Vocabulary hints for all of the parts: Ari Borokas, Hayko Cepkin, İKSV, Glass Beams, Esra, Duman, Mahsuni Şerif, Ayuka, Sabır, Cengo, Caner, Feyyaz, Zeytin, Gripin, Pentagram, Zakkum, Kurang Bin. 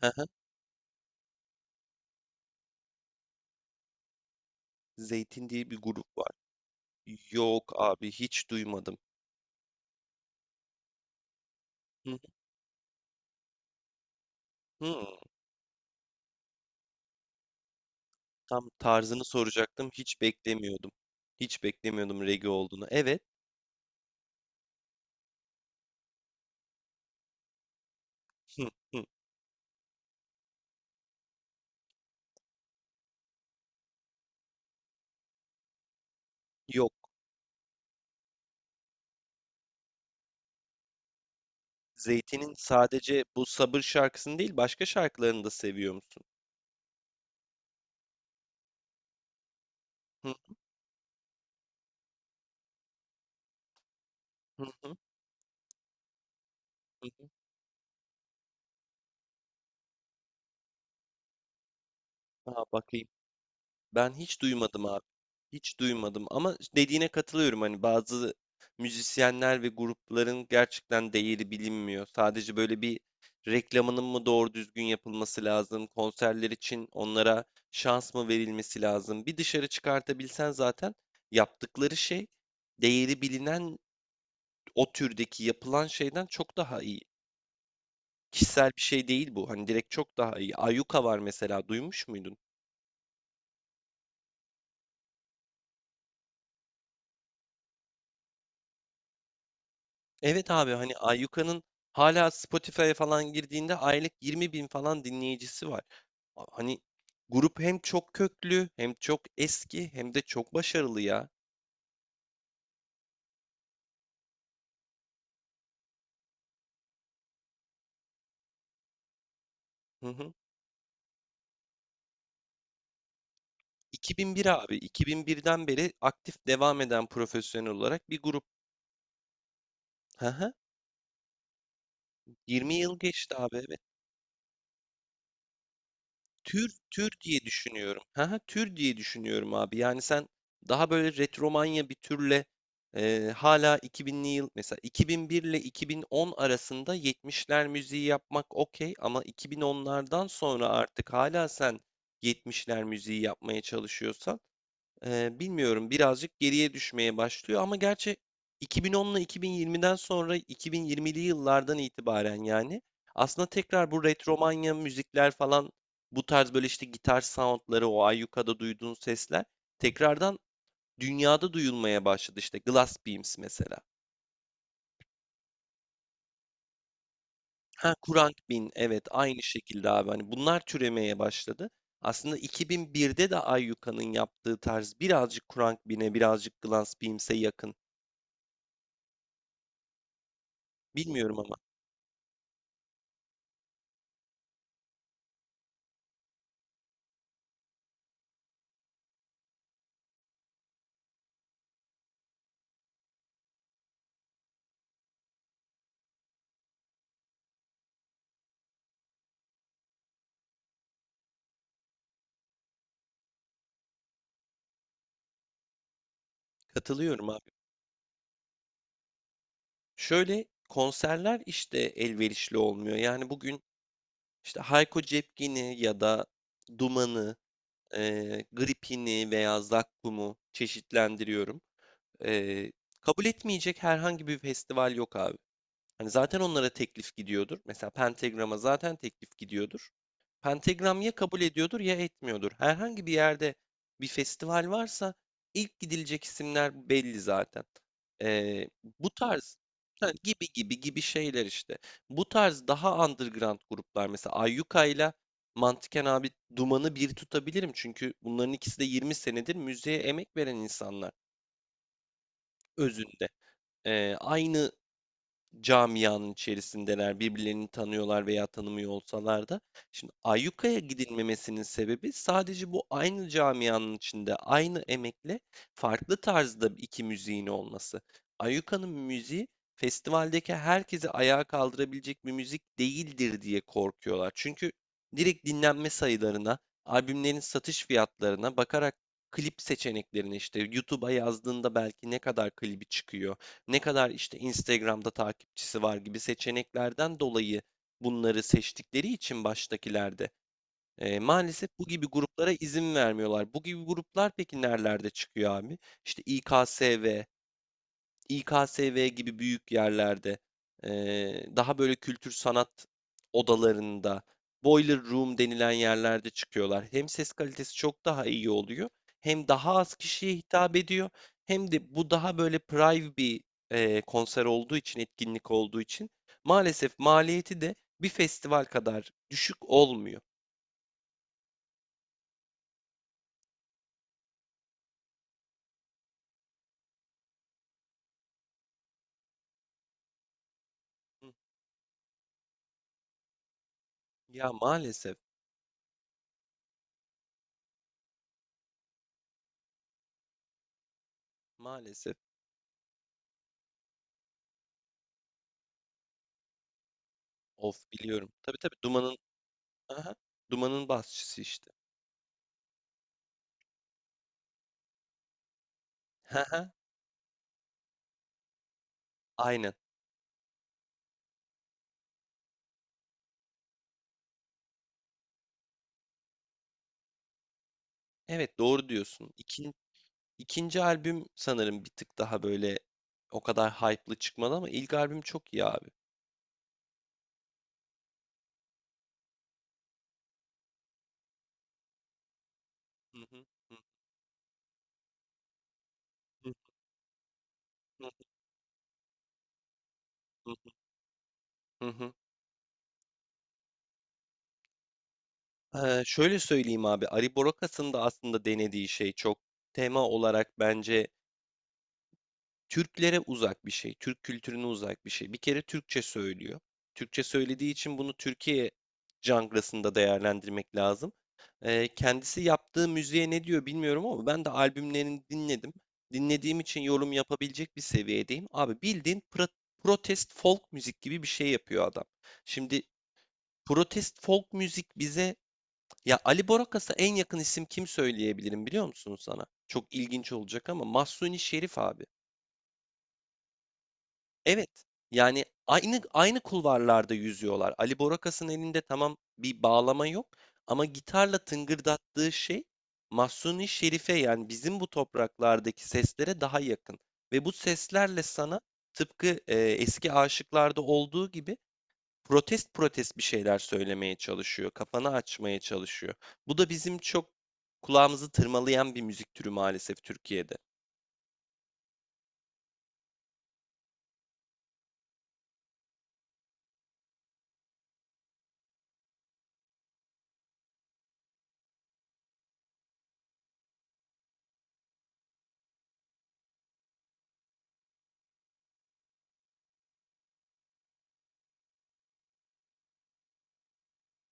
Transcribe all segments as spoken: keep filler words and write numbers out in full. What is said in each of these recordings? Hı hı. Zeytin diye bir grup var. Yok abi hiç duymadım. Hı hı. Hı. Tam tarzını soracaktım. Hiç beklemiyordum. Hiç beklemiyordum reggae olduğunu. Evet. Hı hı. Yok. Zeytin'in sadece bu Sabır şarkısını değil başka şarkılarını da seviyor musun? Hı hı hı. Hı hı. Aa, bakayım. Ben hiç duymadım abi. Hiç duymadım ama dediğine katılıyorum hani bazı müzisyenler ve grupların gerçekten değeri bilinmiyor. Sadece böyle bir reklamının mı doğru düzgün yapılması lazım, konserler için onlara şans mı verilmesi lazım? Bir dışarı çıkartabilsen zaten yaptıkları şey değeri bilinen o türdeki yapılan şeyden çok daha iyi. Kişisel bir şey değil bu. Hani direkt çok daha iyi. Ayuka var mesela duymuş muydun? Evet abi hani Ayyuka'nın hala Spotify'a falan girdiğinde aylık yirmi bin falan dinleyicisi var. A hani grup hem çok köklü hem çok eski hem de çok başarılı ya. Hı hı. iki bin bir abi. iki bin birden beri aktif devam eden profesyonel olarak bir grup. Hı hı. yirmi yıl geçti abi evet. Tür tür diye düşünüyorum. Hı Tür diye düşünüyorum abi. Yani sen daha böyle retromanya bir türle eee, hala iki binli yıl mesela iki bin bir ile iki bin on arasında yetmişler müziği yapmak okey ama iki bin onlardan sonra artık hala sen yetmişler müziği yapmaya çalışıyorsan Eee, bilmiyorum birazcık geriye düşmeye başlıyor ama gerçi iki bin onla iki bin yirmiden sonra iki bin yirmili yıllardan itibaren yani aslında tekrar bu retromanya müzikler falan bu tarz böyle işte gitar soundları o Ayyuka'da duyduğun sesler tekrardan dünyada duyulmaya başladı işte Glass Beams mesela. Ha Kurang Bin evet aynı şekilde abi hani bunlar türemeye başladı. Aslında iki bin birde de Ayyuka'nın yaptığı tarz birazcık Kurang Bin'e birazcık Glass Beams'e yakın. Bilmiyorum ama. Katılıyorum abi. Şöyle konserler işte elverişli olmuyor. Yani bugün işte Hayko Cepkin'i ya da Duman'ı, eee Gripin'i veya Zakkum'u çeşitlendiriyorum. Eee, kabul etmeyecek herhangi bir festival yok abi. Hani zaten onlara teklif gidiyordur. Mesela Pentagram'a zaten teklif gidiyordur. Pentagram ya kabul ediyordur ya etmiyordur. Herhangi bir yerde bir festival varsa ilk gidilecek isimler belli zaten. Ee, bu tarz ha, gibi gibi gibi şeyler işte. Bu tarz daha underground gruplar mesela Ayyuka ile Mantıken abi Duman'ı bir tutabilirim. Çünkü bunların ikisi de yirmi senedir müziğe emek veren insanlar özünde. Ee, aynı camianın içerisindeler, birbirlerini tanıyorlar veya tanımıyor olsalar da. Şimdi Ayyuka'ya gidilmemesinin sebebi sadece bu aynı camianın içinde aynı emekle farklı tarzda iki müziğin olması. Ayyuka'nın müziği festivaldeki herkesi ayağa kaldırabilecek bir müzik değildir diye korkuyorlar. Çünkü direkt dinlenme sayılarına, albümlerin satış fiyatlarına bakarak klip seçeneklerine işte YouTube'a yazdığında belki ne kadar klibi çıkıyor ne kadar işte Instagram'da takipçisi var gibi seçeneklerden dolayı bunları seçtikleri için baştakilerde e, maalesef bu gibi gruplara izin vermiyorlar. Bu gibi gruplar peki nerelerde çıkıyor abi? İşte İKSV, İKSV gibi büyük yerlerde, eee, daha böyle kültür sanat odalarında, boiler room denilen yerlerde çıkıyorlar. Hem ses kalitesi çok daha iyi oluyor, hem daha az kişiye hitap ediyor, hem de bu daha böyle private bir eee, konser olduğu için, etkinlik olduğu için maalesef maliyeti de bir festival kadar düşük olmuyor. Hı. Ya maalesef, maalesef. Of biliyorum. Tabii tabii Duman'ın, aha, Duman'ın basçısı işte. Haha, aynen. Evet, doğru diyorsun. İkin, ikinci albüm sanırım bir tık daha böyle o kadar hype'lı çıkmadı ama ilk albüm çok iyi abi. Hı hı, hı hı, hı hı, hı hı. Ee, şöyle söyleyeyim abi, Ari Borokas'ın da aslında denediği şey çok tema olarak bence Türklere uzak bir şey, Türk kültürüne uzak bir şey. Bir kere Türkçe söylüyor. Türkçe söylediği için bunu Türkiye janrasında değerlendirmek lazım. Eee, kendisi yaptığı müziğe ne diyor bilmiyorum ama ben de albümlerini dinledim. Dinlediğim için yorum yapabilecek bir seviyedeyim. Abi bildiğin pro- protest folk müzik gibi bir şey yapıyor adam. Şimdi protest folk müzik bize ya Ali Borakas'a en yakın isim kim söyleyebilirim biliyor musun sana? Çok ilginç olacak ama Mahsuni Şerif abi. Evet, yani aynı aynı kulvarlarda yüzüyorlar. Ali Borakas'ın elinde tamam bir bağlama yok ama gitarla tıngırdattığı şey Mahsuni Şerife yani bizim bu topraklardaki seslere daha yakın. Ve bu seslerle sana tıpkı e, eski aşıklarda olduğu gibi protest protest bir şeyler söylemeye çalışıyor, kafanı açmaya çalışıyor. Bu da bizim çok kulağımızı tırmalayan bir müzik türü maalesef Türkiye'de.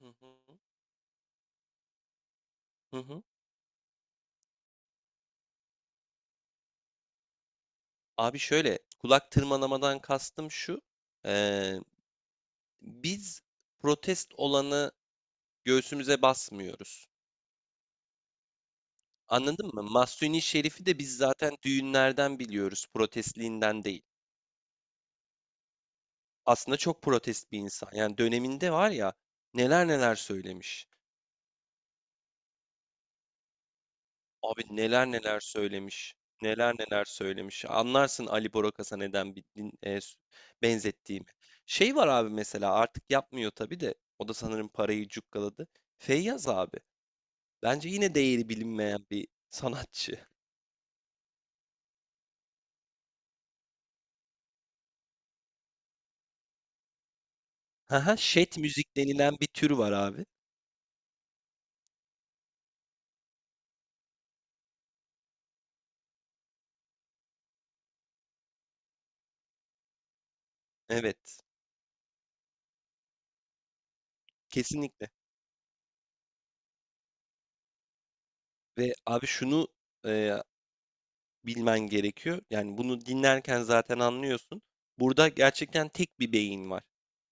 Hı hı. Hı hı. Abi şöyle, kulak tırmalamadan kastım şu. eee, Biz protest olanı göğsümüze basmıyoruz. Anladın mı? Mahsuni Şerif'i de biz zaten düğünlerden biliyoruz, protestliğinden değil. Aslında çok protest bir insan. Yani döneminde var ya neler neler söylemiş. Abi neler neler söylemiş. Neler neler söylemiş. Anlarsın Ali Borokas'a neden bir din- e, s- benzettiğimi. Şey var abi mesela artık yapmıyor tabii de o da sanırım parayı cukkaladı. Feyyaz abi. Bence yine değeri bilinmeyen bir sanatçı. Haha, şet müzik denilen bir tür var abi. Evet. Kesinlikle. Ve abi şunu e, bilmen gerekiyor. Yani bunu dinlerken zaten anlıyorsun. Burada gerçekten tek bir beyin var.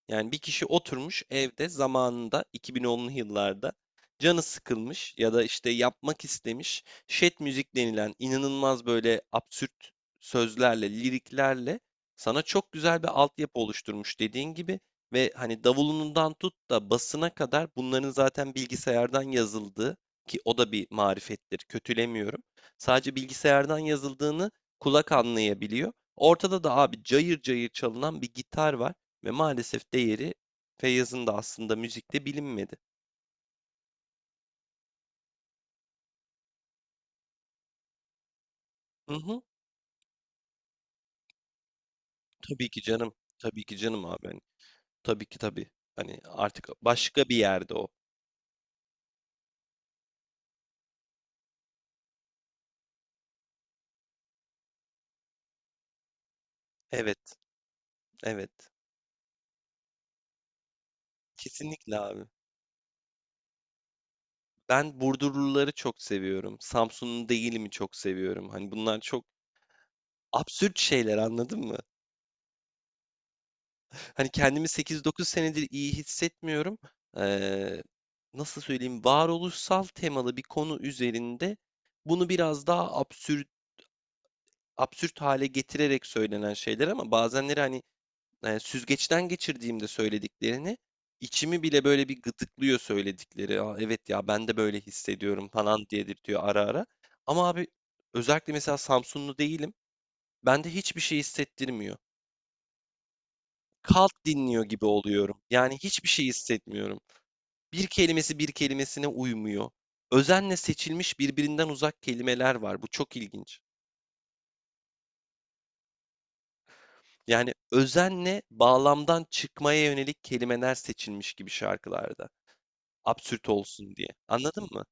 Yani bir kişi oturmuş evde zamanında iki bin onlu yıllarda canı sıkılmış ya da işte yapmak istemiş şet müzik denilen inanılmaz böyle absürt sözlerle, liriklerle sana çok güzel bir altyapı oluşturmuş dediğin gibi ve hani davulundan tut da basına kadar bunların zaten bilgisayardan yazıldığı ki o da bir marifettir, kötülemiyorum. Sadece bilgisayardan yazıldığını kulak anlayabiliyor. Ortada da abi cayır cayır çalınan bir gitar var. Ve maalesef değeri Feyyaz'ın da aslında müzikte bilinmedi. Hı hı. Tabii ki canım. Tabii ki canım abi. Hani, tabii ki tabii. Hani artık başka bir yerde o. Evet. Evet. Kesinlikle abi. Ben Burdurluları çok seviyorum. Samsunlu değilimi çok seviyorum. Hani bunlar çok absürt şeyler anladın mı? Hani kendimi sekiz dokuz senedir iyi hissetmiyorum. Ee, nasıl söyleyeyim? Varoluşsal temalı bir konu üzerinde bunu biraz daha absürt absürt hale getirerek söylenen şeyler ama bazenleri hani, eee, süzgeçten geçirdiğimde söylediklerini, içimi bile böyle bir gıdıklıyor söyledikleri. "A, evet ya, ben de böyle hissediyorum." falan dedirtiyor ara ara. Ama abi özellikle mesela Samsunlu değilim. Bende hiçbir şey hissettirmiyor. Kalt dinliyor gibi oluyorum. Yani hiçbir şey hissetmiyorum. Bir kelimesi bir kelimesine uymuyor. Özenle seçilmiş birbirinden uzak kelimeler var. Bu çok ilginç. Yani özenle bağlamdan çıkmaya yönelik kelimeler seçilmiş gibi şarkılarda. Absürt olsun diye. Anladın mı?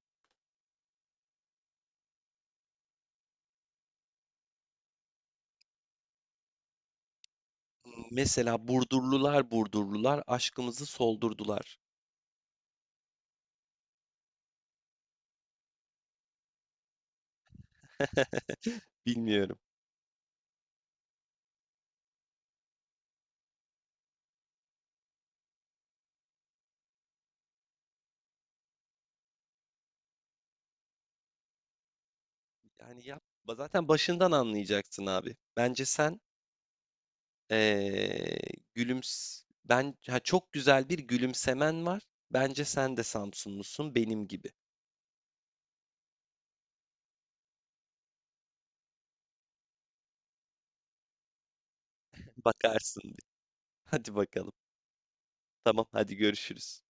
Mesela Burdurlular Burdurlular aşkımızı soldurdular. Bilmiyorum. Yani yap. Zaten başından anlayacaksın abi. Bence sen eee gülüms ben ha, çok güzel bir gülümsemen var. Bence sen de Samsunlusun benim gibi. Bakarsın bir. Hadi bakalım. Tamam hadi görüşürüz.